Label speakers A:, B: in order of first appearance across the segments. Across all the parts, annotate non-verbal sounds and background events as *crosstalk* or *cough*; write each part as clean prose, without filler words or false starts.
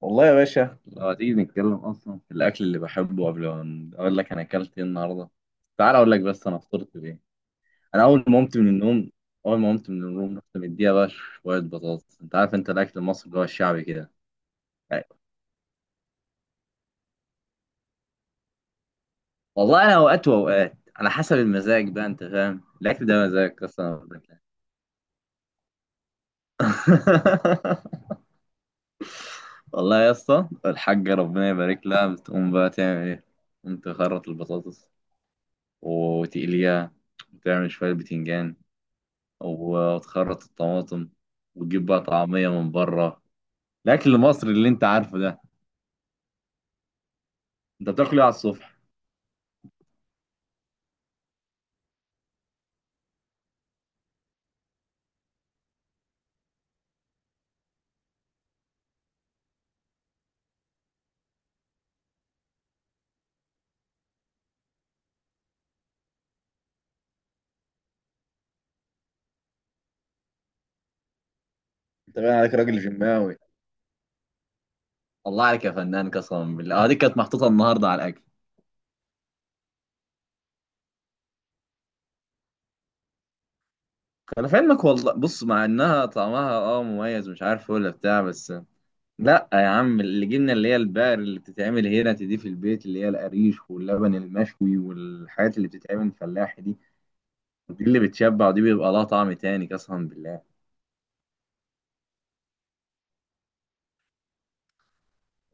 A: والله يا باشا لو هتيجي نتكلم اصلا في الاكل اللي بحبه قبل ما اقول لك انا اكلت ايه النهارده. تعال اقول لك بس انا فطرت بايه. انا اول ما قمت من النوم رحت مديها بقى شويه بطاطس. انت عارف، انت الاكل المصري اللي هو الشعبي كده، يعني. والله انا اوقات واوقات على حسب المزاج بقى. انت فاهم الاكل ده مزاج قسما بالله. *laughs* والله يا اسطى الحاجه ربنا يبارك لها بتقوم بقى تعمل ايه؟ قوم تخرط البطاطس وتقليها، وتعمل شويه بتنجان وتخرط الطماطم، وتجيب بقى طعمية من بره. الأكل المصري اللي أنت عارفه ده. أنت بتاكل إيه على الصبح؟ انت باين عليك راجل جماوي. الله عليك يا فنان قسما بالله. دي كانت محطوطة النهاردة على الأكل. أنا في علمك والله، بص، مع إنها طعمها مميز، مش عارف ولا بتاع بس. لأ يا عم، اللي جبنا اللي هي البقر اللي بتتعمل هنا دي في البيت، اللي هي القريش واللبن المشوي والحاجات اللي بتتعمل فلاحي دي، دي اللي بتشبع، ودي بيبقى لها طعم تاني قسما بالله.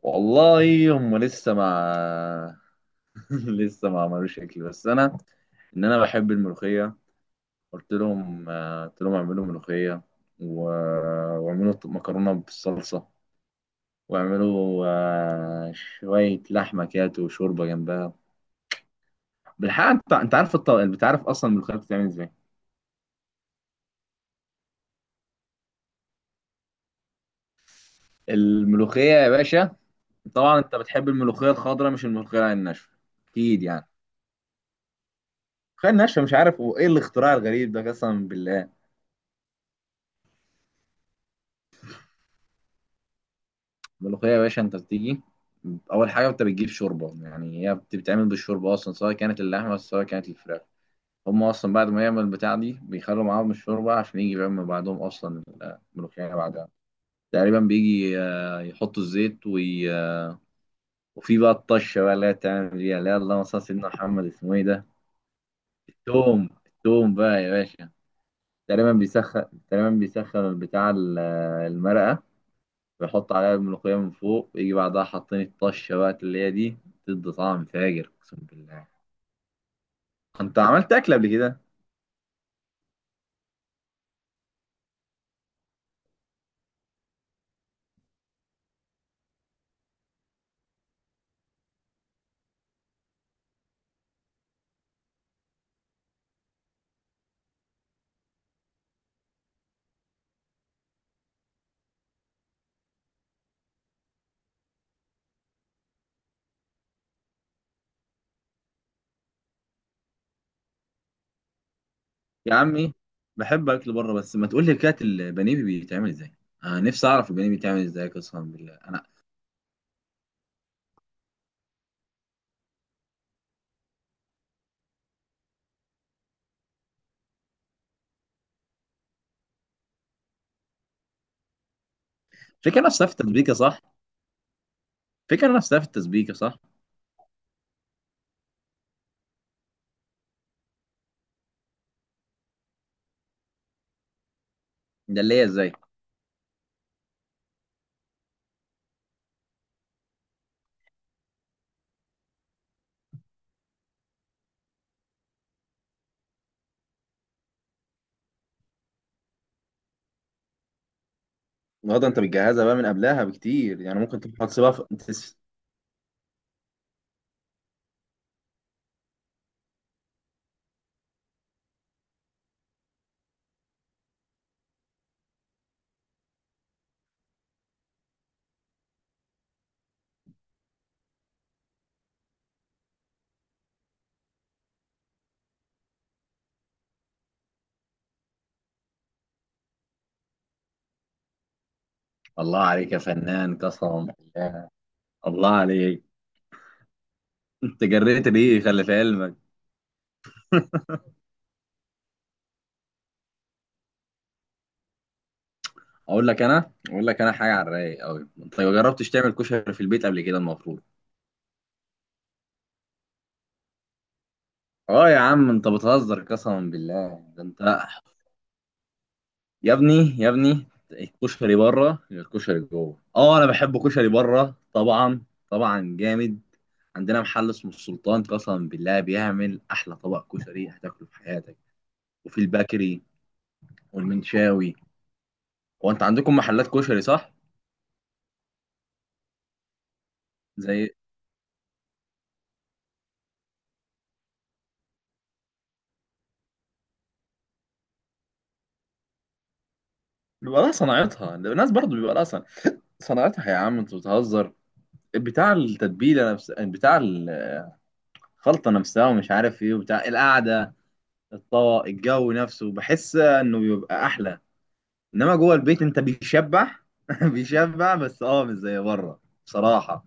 A: والله هم لسه مع... *laughs* لسه ما عملوش اكل، بس انا، انا بحب الملوخيه. قلت لهم اعملوا ملوخيه، و... واعملوا مكرونه بالصلصه، واعملوا شويه لحمه كده وشوربه جنبها. بالحقيقه، انت انت عارف اصلا الملوخيه بتتعمل ازاي. الملوخيه يا باشا، طبعا انت بتحب الملوخيه الخضراء مش الملوخيه الناشفه، اكيد يعني. الملوخيه الناشفه مش عارف، وايه الاختراع الغريب ده قسما بالله. الملوخية يا باشا، أنت بتيجي. أول حاجة أنت بتجيب شوربة، يعني هي بتتعمل بالشوربة أصلا، سواء كانت اللحمة سواء كانت الفراخ. هما أصلا بعد ما يعمل البتاع دي بيخلوا معاهم الشوربة عشان يجي يعمل بعدهم أصلا. الملوخية بعدها تقريبا بيجي يحطوا الزيت، وي... آه، وفي بقى الطشة بقى اللي هي بتعمل بيها، اللي هي، اللهم صل على سيدنا محمد، اسمه إيه ده؟ التوم، التوم بقى يا باشا. تقريبا بيسخن، تقريبا بيسخن البتاع المرقة، بيحط عليها الملوخية من فوق، يجي بعدها حاطين الطشة بقى اللي هي دي، تدي طعم فاجر اقسم بالله. انت عملت اكل قبل كده؟ يا عمي، بحب اكل بره، بس ما تقول لي كده البانيه بيتعمل ازاي. انا نفسي اعرف البانيه بيتعمل ازاي قسما بالله، انا. فكرة نفسها في التسبيكة، صح؟ فكرة نفسها في التسبيكة، صح؟ ده اللي هي ازاي؟ النهارده انت بتجهزها بقى من قبلها بكتير، يعني ممكن تكون هتسيبها الله عليك يا فنان قسما *laughs* بالله. الله عليك. انت جريت ليه خلي في علمك. اقول لك، انا اقول لك، انا حاجه على الرايق قوي. انت ما جربتش تعمل كشري في البيت قبل كده المفروض؟ اه يا عم انت بتهزر قسما بالله، ده انت. يا ابني يا ابني، الكشري بره غير الكشري جوه. اه انا بحب كشري بره طبعا، طبعا جامد. عندنا محل اسمه السلطان قسما بالله بيعمل احلى طبق كشري هتاكله في حياتك، وفي البكري والمنشاوي. هو انت عندكم محلات كشري صح؟ زي... بيبقى لها صناعتها الناس، برضو بيبقى لها صناعتها. يا عم انت بتهزر، بتاع التتبيله نفس بتاع الخلطه نفسها ومش عارف ايه، وبتاع القعده، الطبق، الجو نفسه بحس انه بيبقى احلى. انما جوه البيت انت بيشبع، *laughs* بيشبع بس اه مش زي بره بصراحه.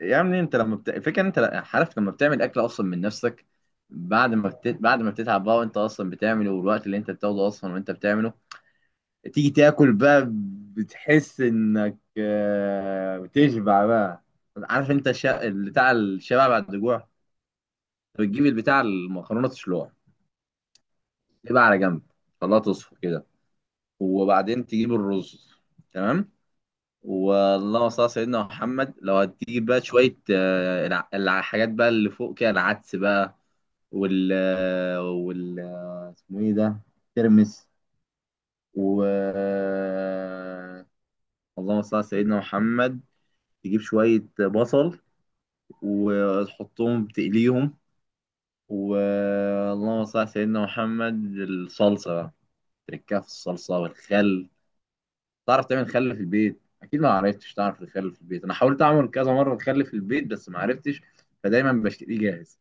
A: يعني انت الفكره ان انت عارف لما بتعمل اكل اصلا من نفسك، بعد ما بتتعب بقى وانت اصلا بتعمله، والوقت اللي انت بتاخده اصلا وانت بتعمله، تيجي تاكل بقى، بتحس انك بتشبع بقى. عارف انت بتاع الشبع بعد الجوع. بتجيب البتاع المكرونه تسلقها، تبقى على جنب، خلاها تصفى كده، وبعدين تجيب الرز. تمام. واللهم صل على سيدنا محمد، لو هتجيب بقى شويه الحاجات بقى اللي فوق كده، العدس بقى، وال آه، وال آه، اسمه ايه ده، ترمس، و اللهم صل على سيدنا محمد، تجيب شويه بصل وتحطهم تقليهم، واللهم صل على سيدنا محمد الصلصه بقى، تركها في الصلصه والخل. تعرف تعمل خل في البيت اكيد؟ ما عرفتش. تعرف الخل في البيت؟ انا حاولت اعمل كذا مره الخل في البيت بس ما عرفتش، فدايما بشتريه جاهز.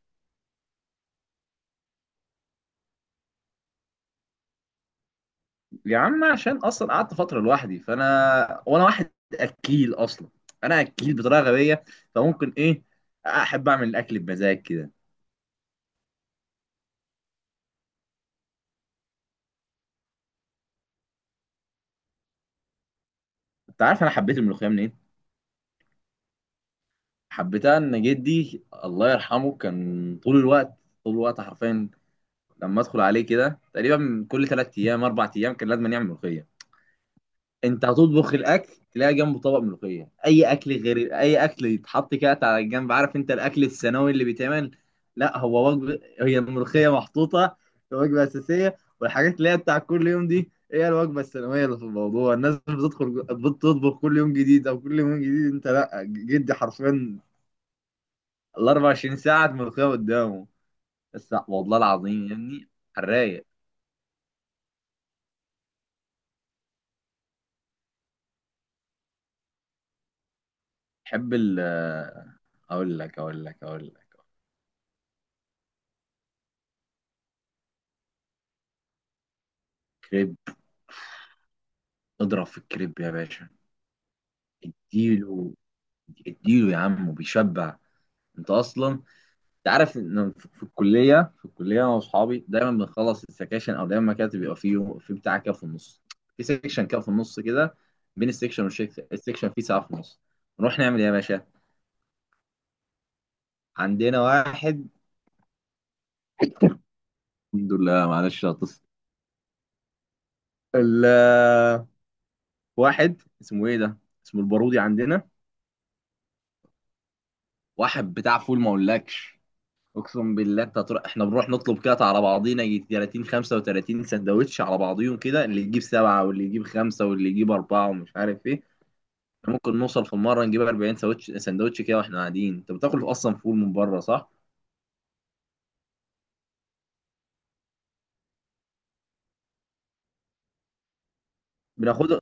A: يا عم، عشان اصلا قعدت فتره لوحدي، فانا وانا واحد اكيل اصلا. انا اكيل بطريقه غبيه، فممكن ايه، احب اعمل الاكل بمزاج كده. انت عارف انا حبيت الملوخيه منين؟ حبيتها ان جدي الله يرحمه كان طول الوقت، طول الوقت حرفيا. لما ادخل عليه كده تقريبا كل ثلاث ايام اربع ايام كان لازم يعمل ملوخيه. انت هتطبخ الاكل تلاقي جنبه طبق ملوخيه. اي اكل غير اي اكل يتحط كده على الجنب، عارف انت الاكل الثانوي اللي بيتعمل. لا، هو وجبه، هي الملوخيه محطوطه كوجبه اساسيه، والحاجات اللي هي بتاع كل يوم دي هي الوجبه الثانويه. اللي في الموضوع، الناس بتدخل بتطبخ كل يوم جديد او كل يوم جديد، انت لا، جدي حرفيا ال 24 ساعه ملوخيه قدامه، بس والله العظيم يا ابني. على الرايق. بحب ال... اقول لك، كريب. اضرب في الكريب يا باشا، اديله، اديله يا عم وبيشبع. انت اصلا، انت عارف ان في الكليه انا واصحابي دايما بنخلص السكاشن، او دايما كده بيبقى فيه بتاع كده في النص، في سيكشن كده في النص كده، بين السيكشن والسيكشن، السيكشن فيه ساعه في النص، نروح نعمل ايه يا باشا؟ عندنا واحد، الحمد لله معلش هتصل، ال- واحد اسمه ايه ده، اسمه البارودي عندنا، واحد بتاع فول ما اقولكش، اقسم بالله. انت هتروح، احنا بنروح نطلب كده على بعضينا يجي 30 35 سندوتش على بعضيهم كده، اللي يجيب سبعه واللي يجيب خمسه واللي يجيب اربعه ومش عارف ايه. ممكن نوصل في مره نجيب 40 سندوتش، سندوتش كده واحنا قاعدين. انت بتاكل اصلا فول من بره، صح؟ بناخده.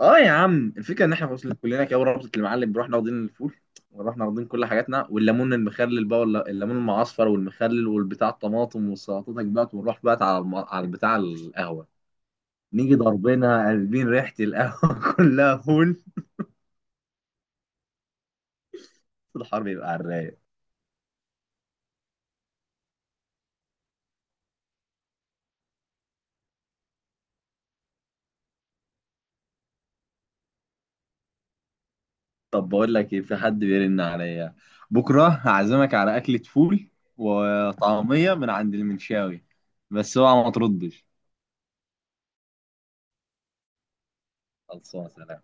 A: اه يا عم، الفكره ان احنا وصلنا كلنا كده ورابطه المعلم بنروح ناخدين الفول، ونروح ناخدين كل حاجاتنا والليمون المخلل بقى ولا الليمون المعصفر، والمخلل والبتاع الطماطم والسلطاتك بقى، ونروح بقى على على البتاع القهوه، نيجي ضاربينها قلبين ريحة القهوة *laughs* كلها فول. الحرب يبقى على الرايق. طب بقول لك ايه، في حد بيرن عليا، بكرة هعزمك على أكلة فول وطعمية من عند المنشاوي، بس اوعى ما تردش. خلصانة، سلام.